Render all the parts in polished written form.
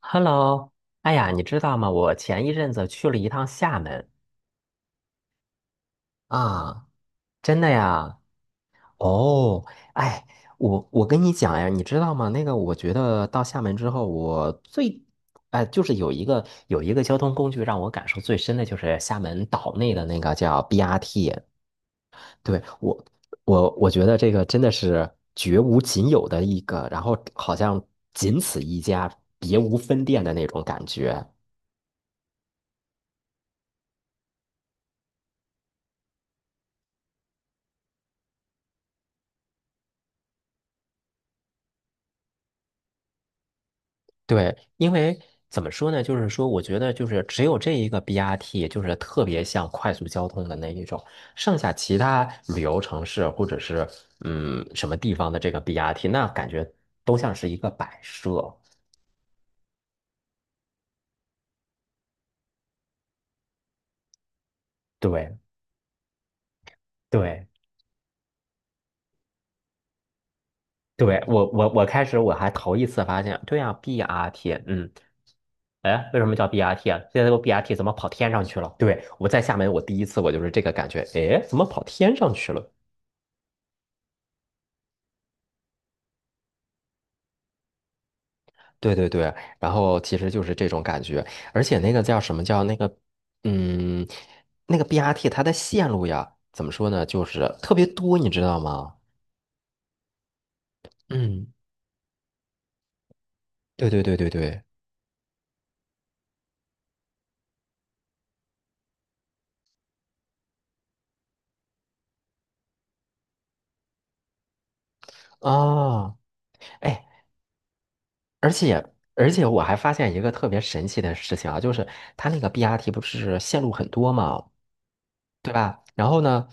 Hello，哎呀，你知道吗？我前一阵子去了一趟厦门啊，真的呀。哦，哎，我跟你讲呀，你知道吗？那个，我觉得到厦门之后，我最，哎，就是有一个交通工具让我感受最深的就是厦门岛内的那个叫 BRT。对，我，我觉得这个真的是绝无仅有的一个，然后好像仅此一家，别无分店的那种感觉。对，因为怎么说呢，就是说，我觉得就是只有这一个 BRT，就是特别像快速交通的那一种，剩下其他旅游城市或者是什么地方的这个 BRT，那感觉都像是一个摆设。对对对，我开始我还头一次发现，对呀 BRT 哎，为什么叫 BRT 啊？现在这个 BRT 怎么跑天上去了？对，我在厦门，我第一次我就是这个感觉，哎，怎么跑天上去了？对对对，然后其实就是这种感觉，而且那个叫什么叫那个，嗯，那个 BRT 它的线路呀，怎么说呢，就是特别多，你知道吗？嗯，对对对对对，啊，哎，而且而且我还发现一个特别神奇的事情啊，就是它那个 BRT 不是线路很多嘛，对吧？然后呢，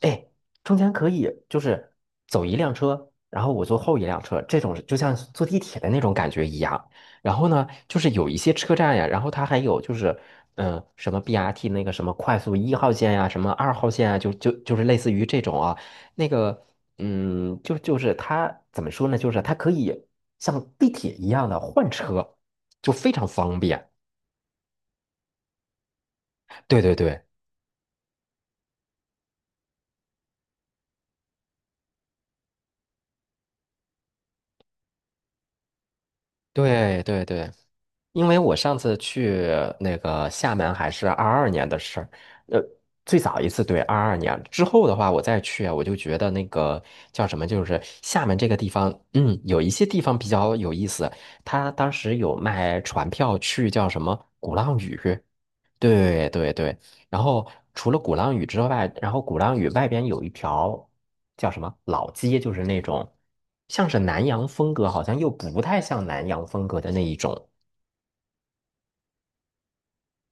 哎，中间可以就是走一辆车，然后我坐后一辆车，这种就像坐地铁的那种感觉一样。然后呢，就是有一些车站呀，然后它还有就是，什么 BRT 那个什么快速1号线呀，什么2号线啊，就是类似于这种啊，那个，嗯，就是它怎么说呢？就是它可以像地铁一样的换车，就非常方便。对对对对对对。因为我上次去那个厦门还是二二年的事儿，呃，最早一次对二二年之后的话，我再去啊，我就觉得那个叫什么，就是厦门这个地方，嗯，有一些地方比较有意思。他当时有卖船票去叫什么鼓浪屿，对对对。然后除了鼓浪屿之外，然后鼓浪屿外边有一条叫什么老街，就是那种像是南洋风格，好像又不太像南洋风格的那一种。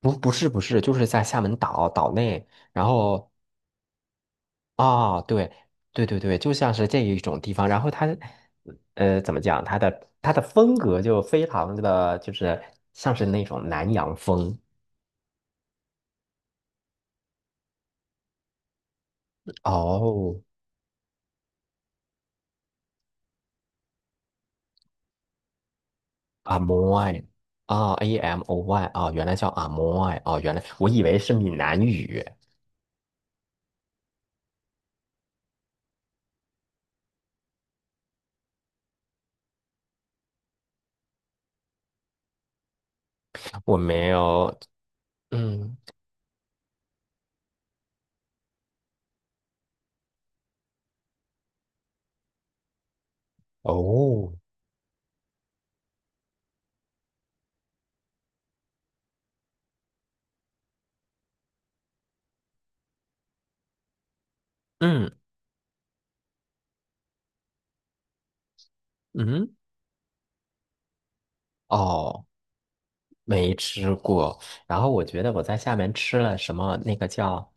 不，不是，不是，就是在厦门岛岛内，然后啊、对，对对对，就像是这一种地方，然后它，怎么讲，它的风格就非常的，就是像是那种南洋风哦，阿摩爱啊，Amoy 啊，原来叫阿摩爱哦，原来我以为是闽南语，我没有，嗯，哦，嗯嗯，哦。没吃过。然后我觉得我在厦门吃了什么，那个叫，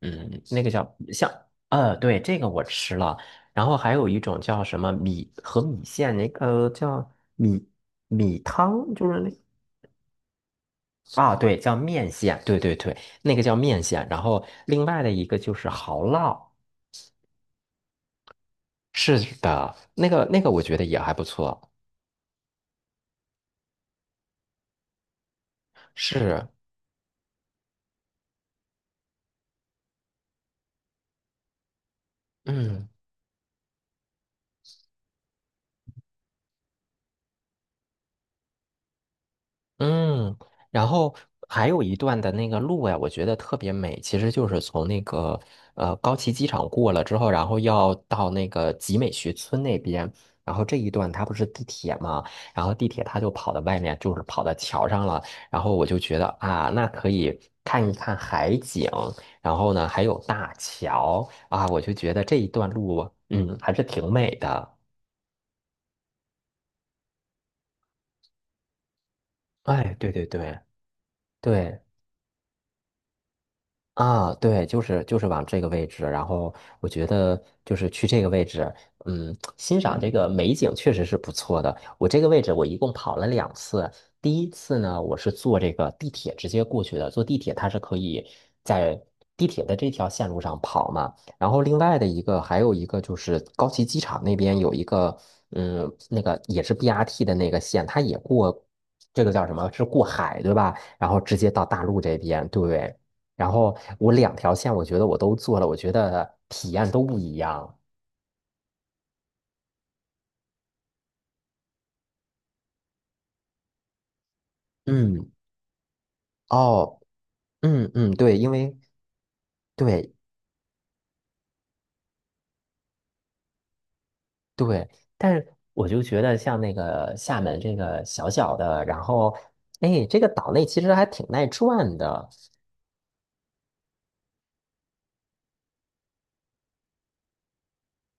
嗯，那个叫像，对，这个我吃了。然后还有一种叫什么米和米线，那个叫米汤，就是那。啊，对，叫面线，对对对，那个叫面线。然后另外的一个就是蚝烙，是的，那个我觉得也还不错，是，嗯。嗯，然后还有一段的那个路呀，我觉得特别美，其实就是从那个高崎机场过了之后，然后要到那个集美学村那边，然后这一段它不是地铁嘛，然后地铁它就跑到外面，就是跑到桥上了，然后我就觉得啊，那可以看一看海景，然后呢还有大桥啊，我就觉得这一段路，嗯，还是挺美的。哎，对对对对。啊，对，就是往这个位置，然后我觉得就是去这个位置，嗯，欣赏这个美景确实是不错的。我这个位置我一共跑了2次，第一次呢，我是坐这个地铁直接过去的，坐地铁它是可以在地铁的这条线路上跑嘛。然后另外的一个还有一个就是高崎机场那边有一个，嗯，那个也是 BRT 的那个线，它也过这个叫什么？是过海，对吧？然后直接到大陆这边，对。然后我2条线，我觉得我都做了，我觉得体验都不一样。嗯，哦，嗯嗯，对，因为对对，但是我就觉得像那个厦门这个小小的，然后哎，这个岛内其实还挺耐转的。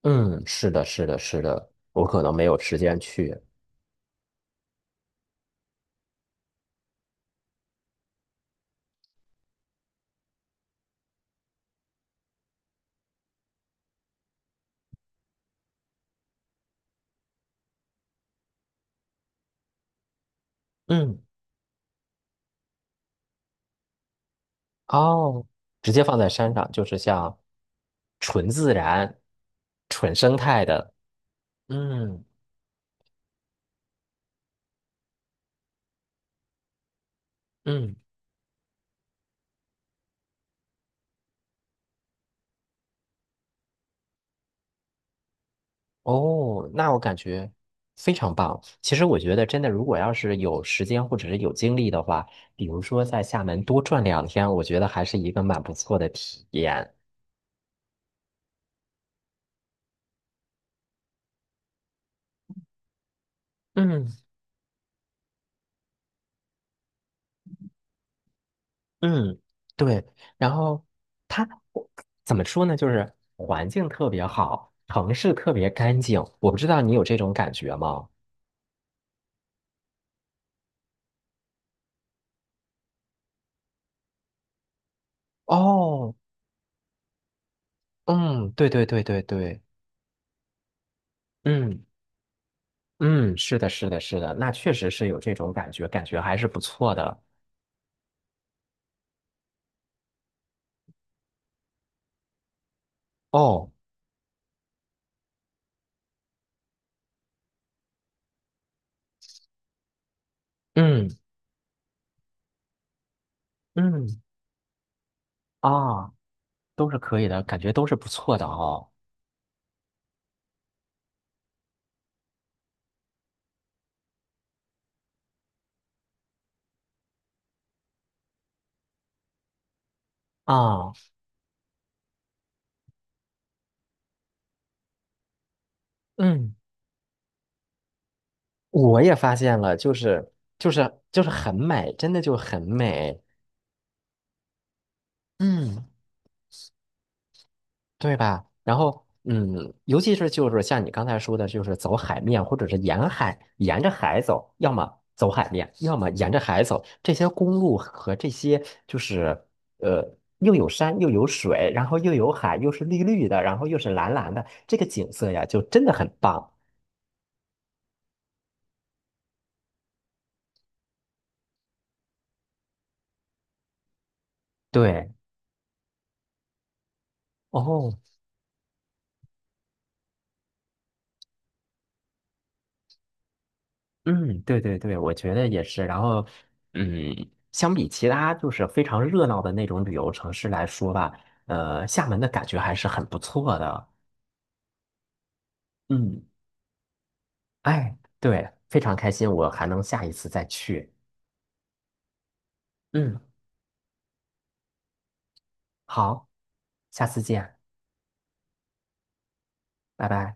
嗯，是的，是的，是的，我可能没有时间去。嗯，哦，直接放在山上，就是像纯自然、纯生态的。嗯嗯。哦，那我感觉非常棒。其实我觉得，真的，如果要是有时间或者是有精力的话，比如说在厦门多转2天，我觉得还是一个蛮不错的体验。嗯嗯，对。然后它我怎么说呢？就是环境特别好，城市特别干净。我不知道你有这种感觉吗？哦，嗯，对对对对对，嗯嗯，是的，是的，是的，那确实是有这种感觉，感觉还是不错的。哦。嗯嗯啊，都是可以的，感觉都是不错的哦。啊，嗯，我也发现了，就是就是很美，真的就很美，嗯，对吧？然后嗯，尤其是就是像你刚才说的，就是走海面或者是沿海，沿着海走，要么走海面，要么沿着海走，这些公路和这些就是呃。又有山又有水，然后又有海，又是绿绿的，然后又是蓝蓝的，这个景色呀，就真的很棒。对，哦，嗯，对对对，我觉得也是。然后，嗯，相比其他就是非常热闹的那种旅游城市来说吧，厦门的感觉还是很不错的。嗯，哎，对，非常开心，我还能下一次再去。嗯，好，下次见，拜拜。